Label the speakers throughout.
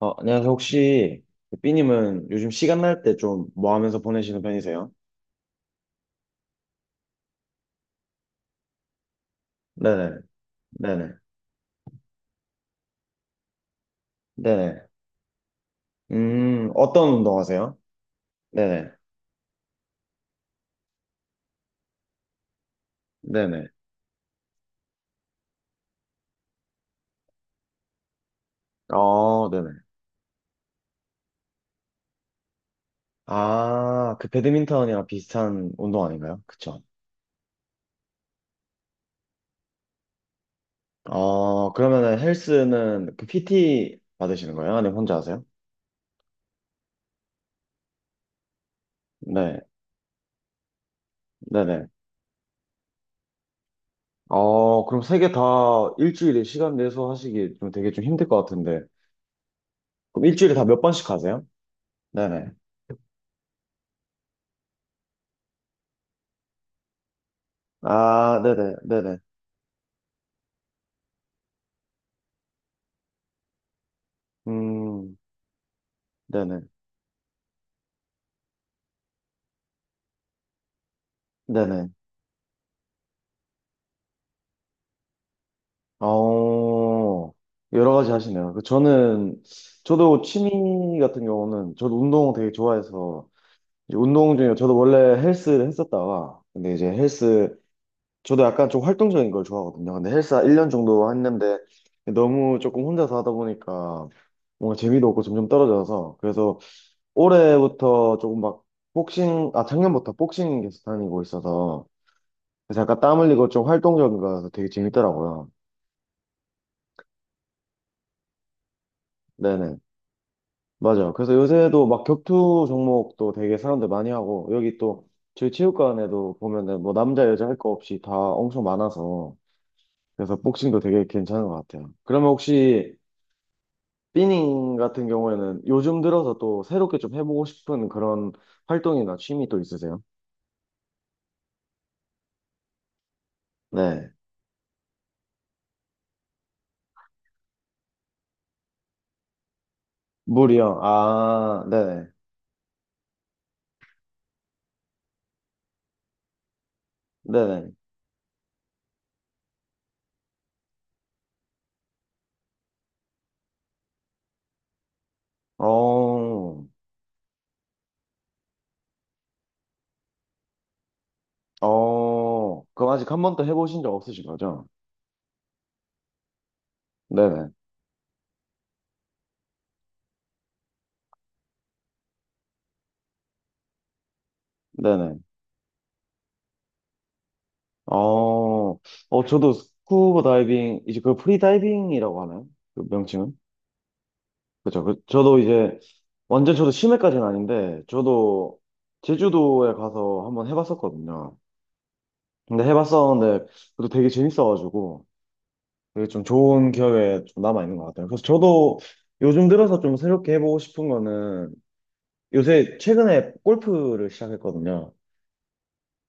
Speaker 1: 어, 안녕하세요. 혹시 그 삐님은 요즘 시간 날 때 좀 뭐 하면서 보내시는 편이세요? 네네, 네네, 네네. 어떤 운동 하세요? 네네, 네네. 어, 네네. 아, 그 배드민턴이랑 비슷한 운동 아닌가요? 그쵸? 어, 그러면은 헬스는 그 PT 받으시는 거예요? 아니면 혼자 하세요? 네, 네네. 어, 그럼 세 개 다 일주일에 시간 내서 하시기 좀 되게 좀 힘들 것 같은데. 그럼 일주일에 다 몇 번씩 하세요? 네네. 아, 네네, 네네. 음, 네네. 네네. 어, 여러 가지 하시네요. 그 저는, 저도 취미 같은 경우는, 저도 운동 되게 좋아해서, 이제 운동 중에, 저도 원래 헬스를 했었다가, 근데 이제 헬스, 저도 약간 좀 활동적인 걸 좋아하거든요. 근데 헬스 1년 정도 했는데, 너무 조금 혼자서 하다 보니까, 뭔가 재미도 없고 점점 떨어져서, 그래서 올해부터 조금 막, 복싱, 아, 작년부터 복싱 계속 다니고 있어서, 그래서 약간 땀 흘리고 좀 활동적인 거라서 되게 재밌더라고요. 네네. 맞아요. 그래서 요새도 막 격투 종목도 되게 사람들 많이 하고, 여기 또 저희 체육관에도 보면은 뭐 남자, 여자 할 거 없이 다 엄청 많아서, 그래서 복싱도 되게 괜찮은 것 같아요. 그러면 혹시 삐닝 같은 경우에는 요즘 들어서 또 새롭게 좀 해보고 싶은 그런 활동이나 취미 또 있으세요? 네. 물이요. 아, 네네. 네네. 어, 어, 그럼 아직 한 번도 해보신 적 없으신 거죠? 네네. 네네. 어, 어, 저도 스쿠버 다이빙, 이제 그 프리다이빙이라고 하나요? 그 명칭은? 그죠. 그, 저도 이제, 완전 저도 심해까지는 아닌데, 저도 제주도에 가서 한번 해봤었거든요. 근데 해봤었는데, 그래도 되게 재밌어가지고, 되게 좀 좋은 기억에 좀 남아있는 것 같아요. 그래서 저도 요즘 들어서 좀 새롭게 해보고 싶은 거는, 요새 최근에 골프를 시작했거든요.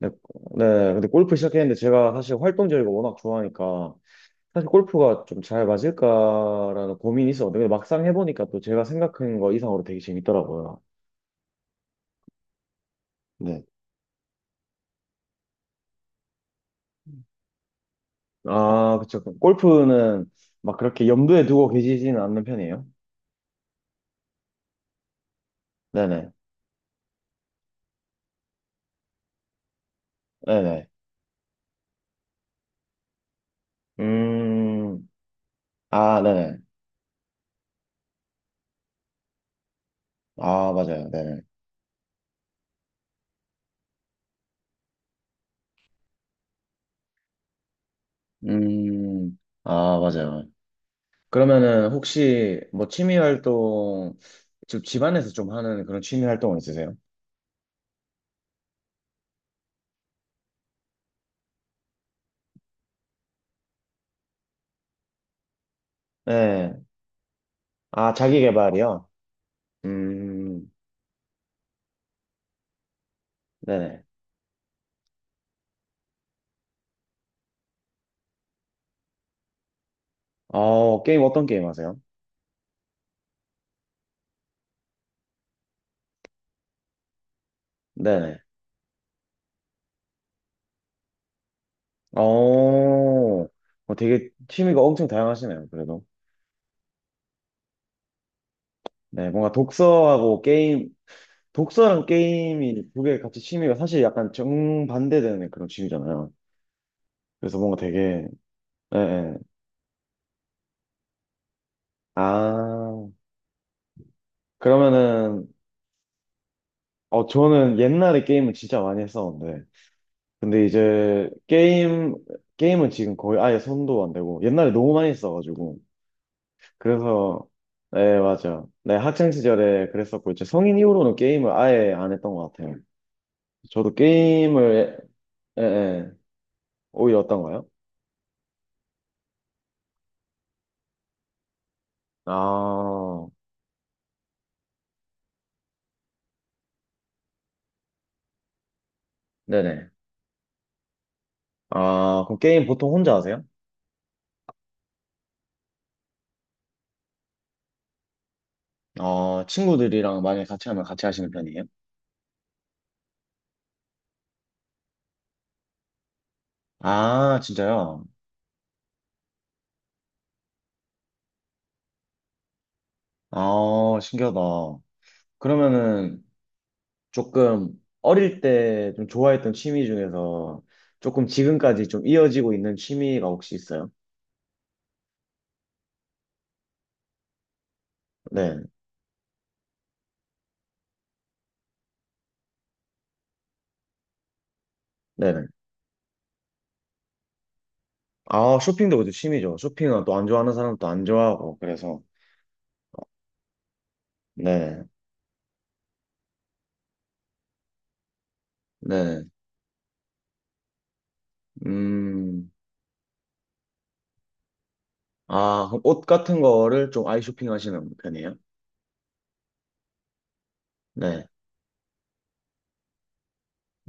Speaker 1: 네, 네, 근데 골프 시작했는데 제가 사실 활동적이고 워낙 좋아하니까, 사실 골프가 좀 잘 맞을까라는 고민이 있었는데 근데 막상 해보니까 또 제가 생각한 거 이상으로 되게 재밌더라고요. 네. 아, 그쵸. 그럼 골프는 막 그렇게 염두에 두고 계시지는 않는 편이에요? 네네. 네네. 음, 아, 네네. 아, 맞아요. 네네. 음, 아, 맞아요. 그러면은 혹시 뭐 취미 활동, 좀 집안에서 좀 하는 그런 취미 활동은 있으세요? 네. 아, 자기 개발이요? 음, 네네. 어, 게임 어떤 게임 하세요? 네네. 어, 어, 되게 취미가 엄청 다양하시네요, 그래도. 네, 뭔가 독서하고 게임, 독서랑 게임이 두 개 같이 취미가 사실 약간 정반대되는 그런 취미잖아요. 그래서 뭔가 되게, 예, 예. 아, 그러면은, 어, 저는 옛날에 게임을 진짜 많이 했었는데, 근데 이제 게임, 게임은 지금 거의 아예 손도 안 대고, 옛날에 너무 많이 했어가지고, 그래서 네 맞아. 네 학창 시절에 그랬었고 이제 성인 이후로는 게임을 아예 안 했던 것 같아요. 저도 게임을 예, 예. 오히려 어떤가요? 아 네네. 아 그럼 게임 보통 혼자 하세요? 어 친구들이랑 만약에 같이 하면 같이 하시는 편이에요? 아 진짜요? 아 신기하다. 그러면은 조금 어릴 때 좀 좋아했던 취미 중에서 조금 지금까지 좀 이어지고 있는 취미가 혹시 있어요? 네. 네 아, 쇼핑도 그죠. 취미죠. 쇼핑은 또 안 좋아하는 사람도 안 좋아하고, 그래서. 네, 네. 음, 아, 그럼 옷 같은 거를 좀 아이 쇼핑 하시는 편이에요? 네.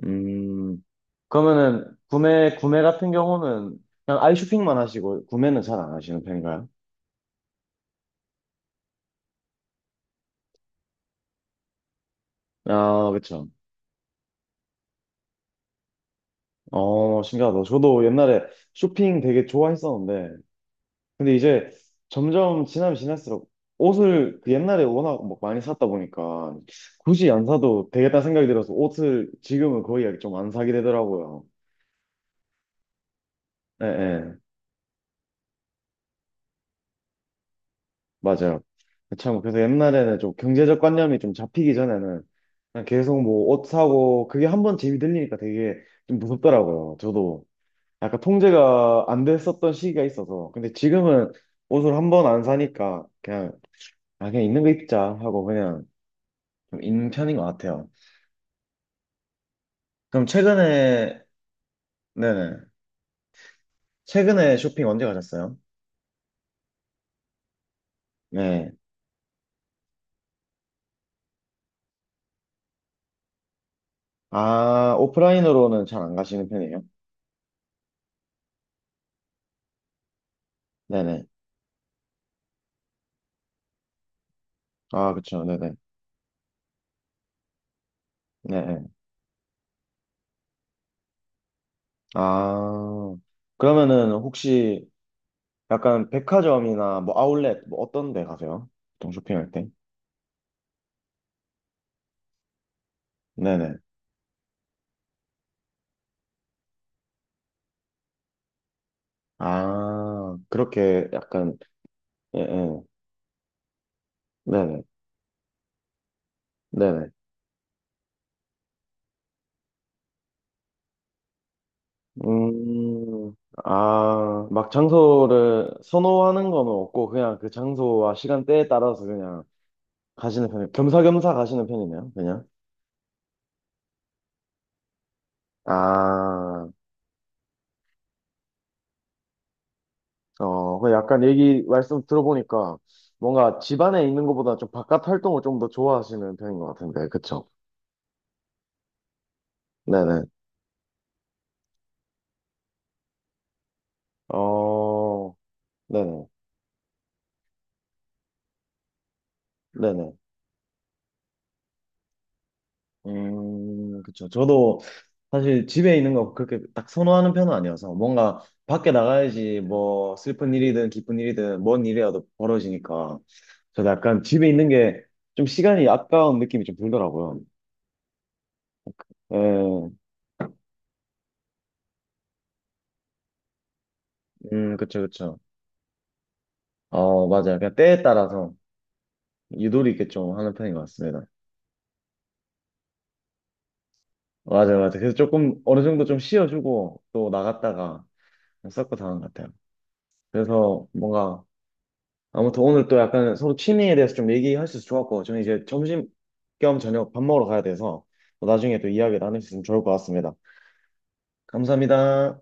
Speaker 1: 음, 그러면은 구매 같은 경우는 그냥 아이 쇼핑만 하시고, 구매는 잘 안 하시는 편인가요? 아, 그쵸. 어, 신기하다. 저도 옛날에 쇼핑 되게 좋아했었는데, 근데 이제 점점 지나면 지날수록 옷을 그 옛날에 워낙 막 많이 샀다 보니까 굳이 안 사도 되겠다 생각이 들어서 옷을 지금은 거의 좀 안 사게 되더라고요. 예, 예, 맞아요. 참, 그래서 옛날에는 좀 경제적 관념이 좀 잡히기 전에는 그냥 계속 뭐 옷 사고 그게 한 번 재미 들리니까 되게 좀 무섭더라고요. 저도 약간 통제가 안 됐었던 시기가 있어서. 근데 지금은 옷을 한 번 안 사니까 그냥, 아, 그냥 있는 거 입자 하고 그냥 좀 있는 편인 것 같아요. 그럼 최근에, 네네. 최근에 쇼핑 언제 가셨어요? 네. 아, 오프라인으로는 잘 안 가시는 편이에요? 네네. 아, 그쵸. 네네. 네네. 아, 그러면은 혹시 약간 백화점이나 뭐 아울렛 뭐 어떤 데 가세요? 보통 쇼핑할 때? 네네. 아, 그렇게 약간, 예, 예. 네네. 네네. 음, 아, 막 장소를 선호하는 건 없고, 그냥 그 장소와 시간대에 따라서 그냥 가시는 편이 겸사겸사 가시는 편이네요, 그냥. 아, 어, 그 약간 얘기 말씀 들어보니까 뭔가 집 안에 있는 것보다 좀 바깥 활동을 좀 더 좋아하시는 편인 것 같은데, 그쵸? 네네. 어, 네네. 네네. 그쵸. 저도 사실 집에 있는 거 그렇게 딱 선호하는 편은 아니어서 뭔가 밖에 나가야지 뭐 슬픈 일이든 기쁜 일이든 뭔 일이라도 벌어지니까 저도 약간 집에 있는 게 좀 시간이 아까운 느낌이 좀 들더라고요. 예. 그쵸, 그쵸. 어, 맞아요. 그냥 때에 따라서 유도리 있게 좀 하는 편인 것 같습니다. 맞아요, 맞아요. 그래서 조금 어느 정도 좀 쉬어주고 또 나갔다가 그냥 섞고 자는 것 같아요. 그래서 뭔가 아무튼 오늘 또 약간 서로 취미에 대해서 좀 얘기할 수 있어서 좋았고 저는 이제 점심 겸 저녁 밥 먹으러 가야 돼서 또 나중에 또 이야기 나눌 수 있으면 좋을 것 같습니다. 감사합니다.